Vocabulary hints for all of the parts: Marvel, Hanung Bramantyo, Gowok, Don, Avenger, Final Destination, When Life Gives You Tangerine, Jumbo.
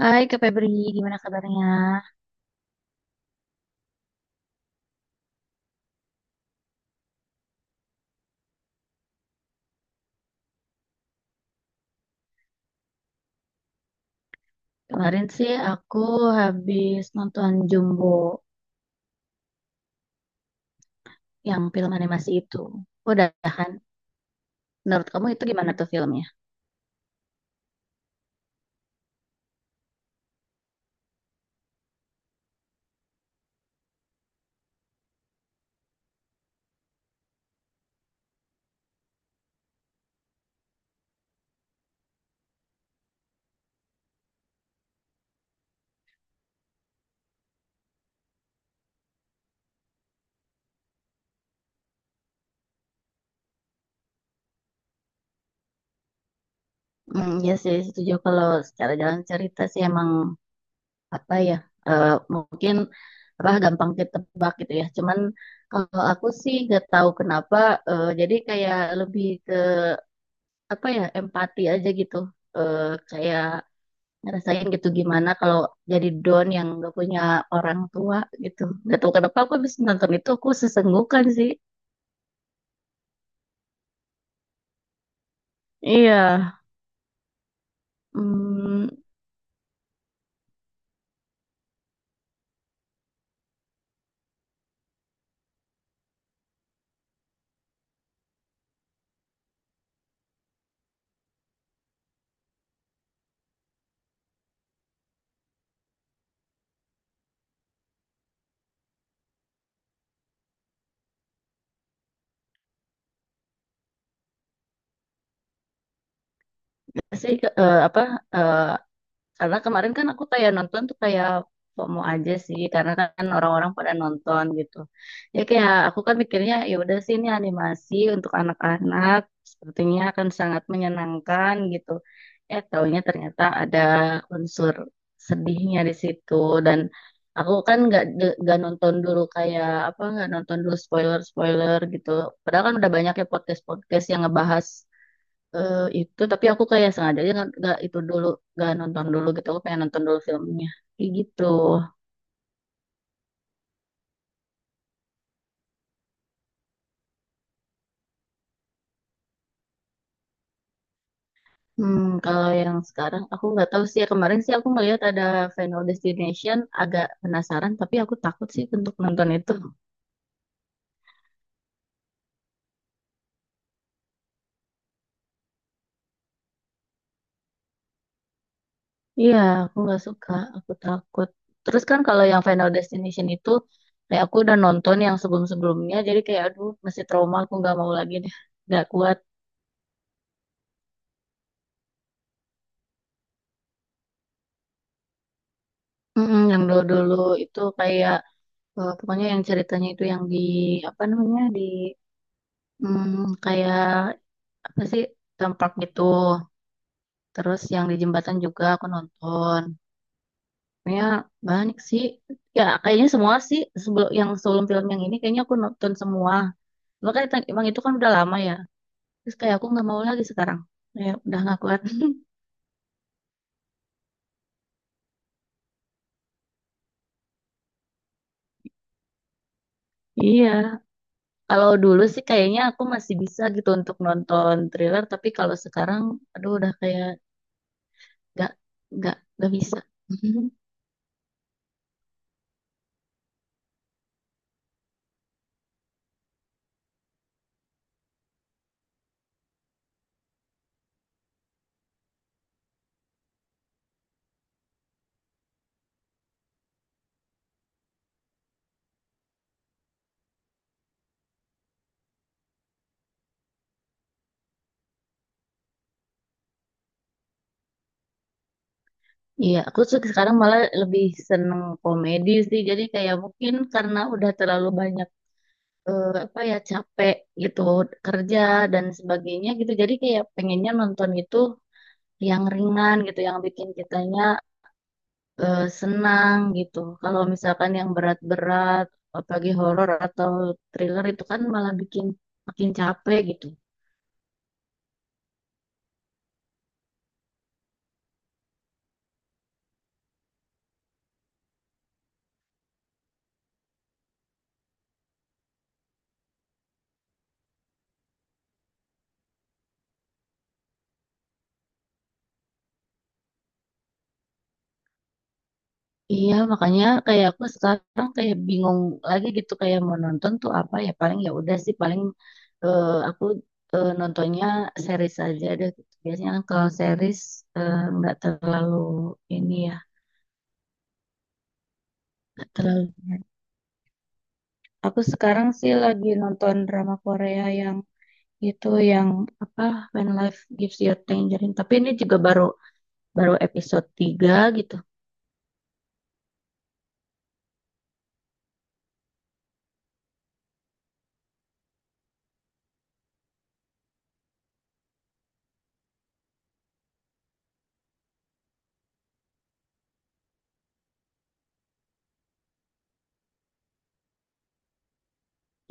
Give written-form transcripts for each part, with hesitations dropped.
Hai Kak Febri, gimana kabarnya? Kemarin sih aku habis nonton Jumbo, yang film animasi itu. Udah kan? Menurut kamu itu gimana tuh filmnya? Ya sih, setuju kalau secara jalan cerita sih emang apa ya, eh, mungkin apa gampang ditebak gitu ya. Cuman kalau aku sih gak tahu kenapa, jadi kayak lebih ke apa ya empati aja gitu. Eh, Kayak ngerasain gitu gimana kalau jadi Don yang nggak punya orang tua gitu. Gak tahu kenapa aku habis nonton itu aku sesenggukan sih. Iya, hmm, apa eh, karena kemarin kan aku kayak nonton tuh kayak FOMO aja sih, karena kan orang-orang pada nonton gitu. Ya kayak aku kan mikirnya ya udah sih ini animasi untuk anak-anak, sepertinya akan sangat menyenangkan gitu. Eh taunya ternyata ada unsur sedihnya di situ dan aku kan nggak nonton dulu kayak apa nggak nonton dulu spoiler-spoiler gitu. Padahal kan udah banyak ya podcast-podcast yang ngebahas itu, tapi aku kayak sengaja aja nggak itu dulu, nggak nonton dulu gitu, aku pengen nonton dulu filmnya kayak gitu. Hmm, kalau yang sekarang aku nggak tahu sih ya. Kemarin sih aku melihat ada Final Destination, agak penasaran tapi aku takut sih untuk nonton itu. Iya, aku nggak suka, aku takut. Terus kan kalau yang Final Destination itu kayak aku udah nonton yang sebelum-sebelumnya, jadi kayak aduh masih trauma, aku nggak mau lagi deh, nggak kuat. Mm-mm, yang dulu-dulu itu kayak, pokoknya yang ceritanya itu yang di apa namanya di, mm, kayak apa sih, tempat gitu. Terus yang di jembatan juga aku nonton. Pokoknya banyak sih. Ya kayaknya semua sih sebelum yang sebelum film yang ini kayaknya aku nonton semua. Makanya tadi- emang itu kan udah lama ya. Terus kayak aku nggak mau lagi sekarang. Kayak udah nggak kuat. Iya, kalau dulu sih kayaknya aku masih bisa gitu untuk nonton thriller, tapi kalau sekarang, aduh udah kayak nggak, nggak bisa. Iya, aku sekarang malah lebih seneng komedi sih. Jadi kayak mungkin karena udah terlalu banyak, apa ya capek gitu, kerja dan sebagainya gitu. Jadi kayak pengennya nonton itu yang ringan gitu, yang bikin kitanya senang gitu. Kalau misalkan yang berat-berat, apalagi horor atau thriller itu kan malah bikin makin capek gitu. Iya, makanya kayak aku sekarang kayak bingung lagi gitu kayak mau nonton tuh apa ya, paling ya udah sih paling, aku nontonnya series aja deh. Gitu. Biasanya kan kalau series nggak terlalu ini ya, nggak terlalu. Aku sekarang sih lagi nonton drama Korea yang itu yang apa, When Life Gives You Tangerine. Tapi ini juga baru, baru episode 3 gitu.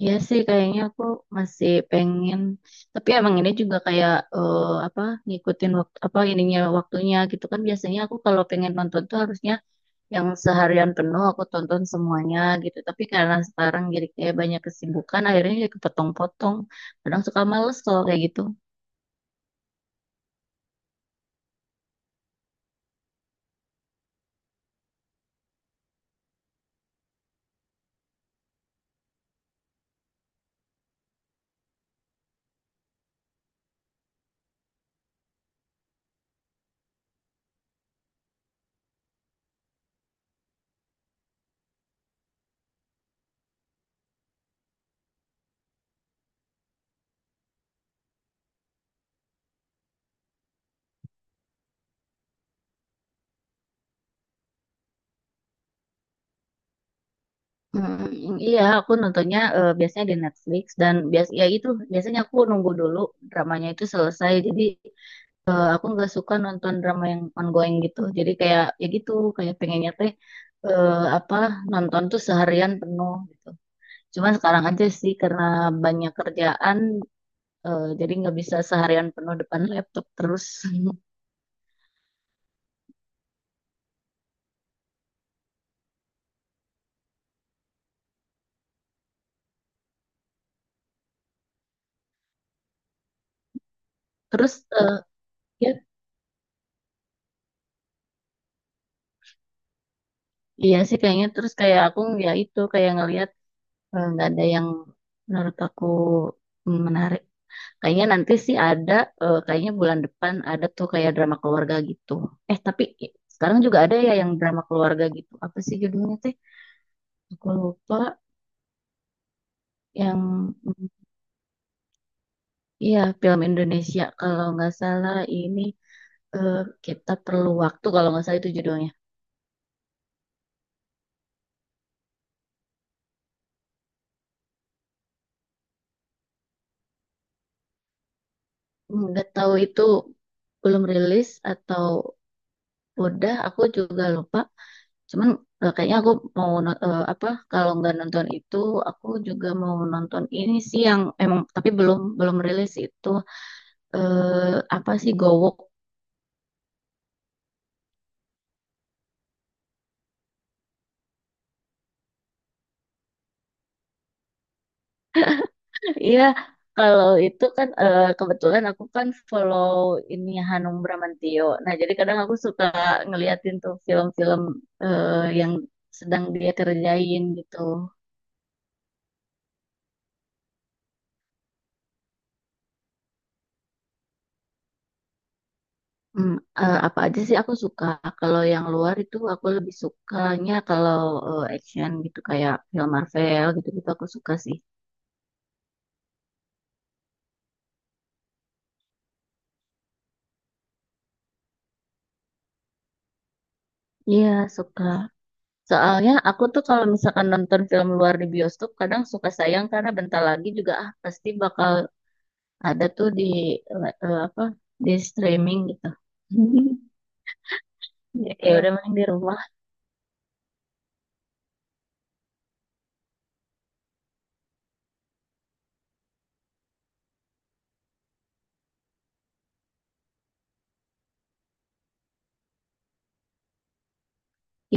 Iya sih kayaknya aku masih pengen, tapi emang ini juga kayak apa ngikutin waktu apa ininya waktunya gitu kan. Biasanya aku kalau pengen nonton tuh harusnya yang seharian penuh aku tonton semuanya gitu, tapi karena sekarang jadi kayak banyak kesibukan akhirnya jadi kepotong-potong, kadang suka males kalau kayak gitu. Hmm, iya, aku nontonnya biasanya di Netflix dan bias ya itu biasanya aku nunggu dulu dramanya itu selesai. Jadi aku nggak suka nonton drama yang ongoing gitu, jadi kayak ya gitu, kayak pengennya teh eh, apa nonton tuh seharian penuh gitu, cuman sekarang aja sih karena banyak kerjaan, jadi nggak bisa seharian penuh depan laptop terus. Terus ya, iya sih kayaknya, terus kayak aku ya itu kayak ngelihat, nggak ada yang menurut aku menarik. Kayaknya nanti sih ada, kayaknya bulan depan ada tuh kayak drama keluarga gitu. Eh, tapi sekarang juga ada ya yang drama keluarga gitu. Apa sih judulnya teh? Aku lupa. Yang, mm, iya film Indonesia kalau nggak salah ini, eh, Kita Perlu Waktu kalau nggak salah itu judulnya. Nggak tahu itu belum rilis atau udah, aku juga lupa. Cuman kayaknya aku mau apa kalau nggak nonton itu aku juga mau nonton ini sih yang emang tapi belum belum rilis itu, eh apa sih, Gowok. Iya, kalau itu kan kebetulan aku kan follow ini Hanung Bramantyo. Nah, jadi kadang aku suka ngeliatin tuh film-film eh, yang sedang dia kerjain gitu. Hmm, apa aja sih aku suka. Kalau yang luar itu aku lebih sukanya kalau action gitu, kayak film Marvel gitu-gitu aku suka sih. Iya, suka. Soalnya aku tuh kalau misalkan nonton film luar di bioskop kadang suka sayang karena bentar lagi juga ah pasti bakal ada tuh di, apa di streaming gitu. Ya ya udah main di rumah.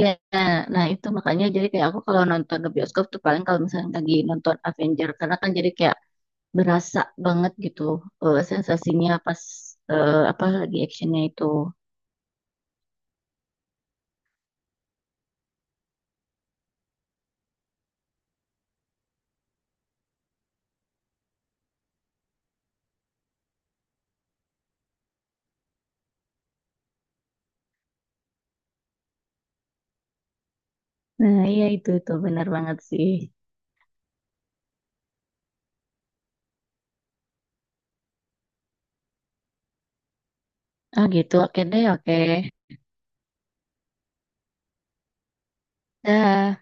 Ya. Nah itu makanya jadi kayak aku kalau nonton ke bioskop tuh paling kalau misalnya lagi nonton Avenger, karena kan jadi kayak berasa banget gitu, sensasinya, pas apa lagi actionnya itu. Nah, iya itu tuh benar banget sih. Ah gitu, oke deh, oke. Dah.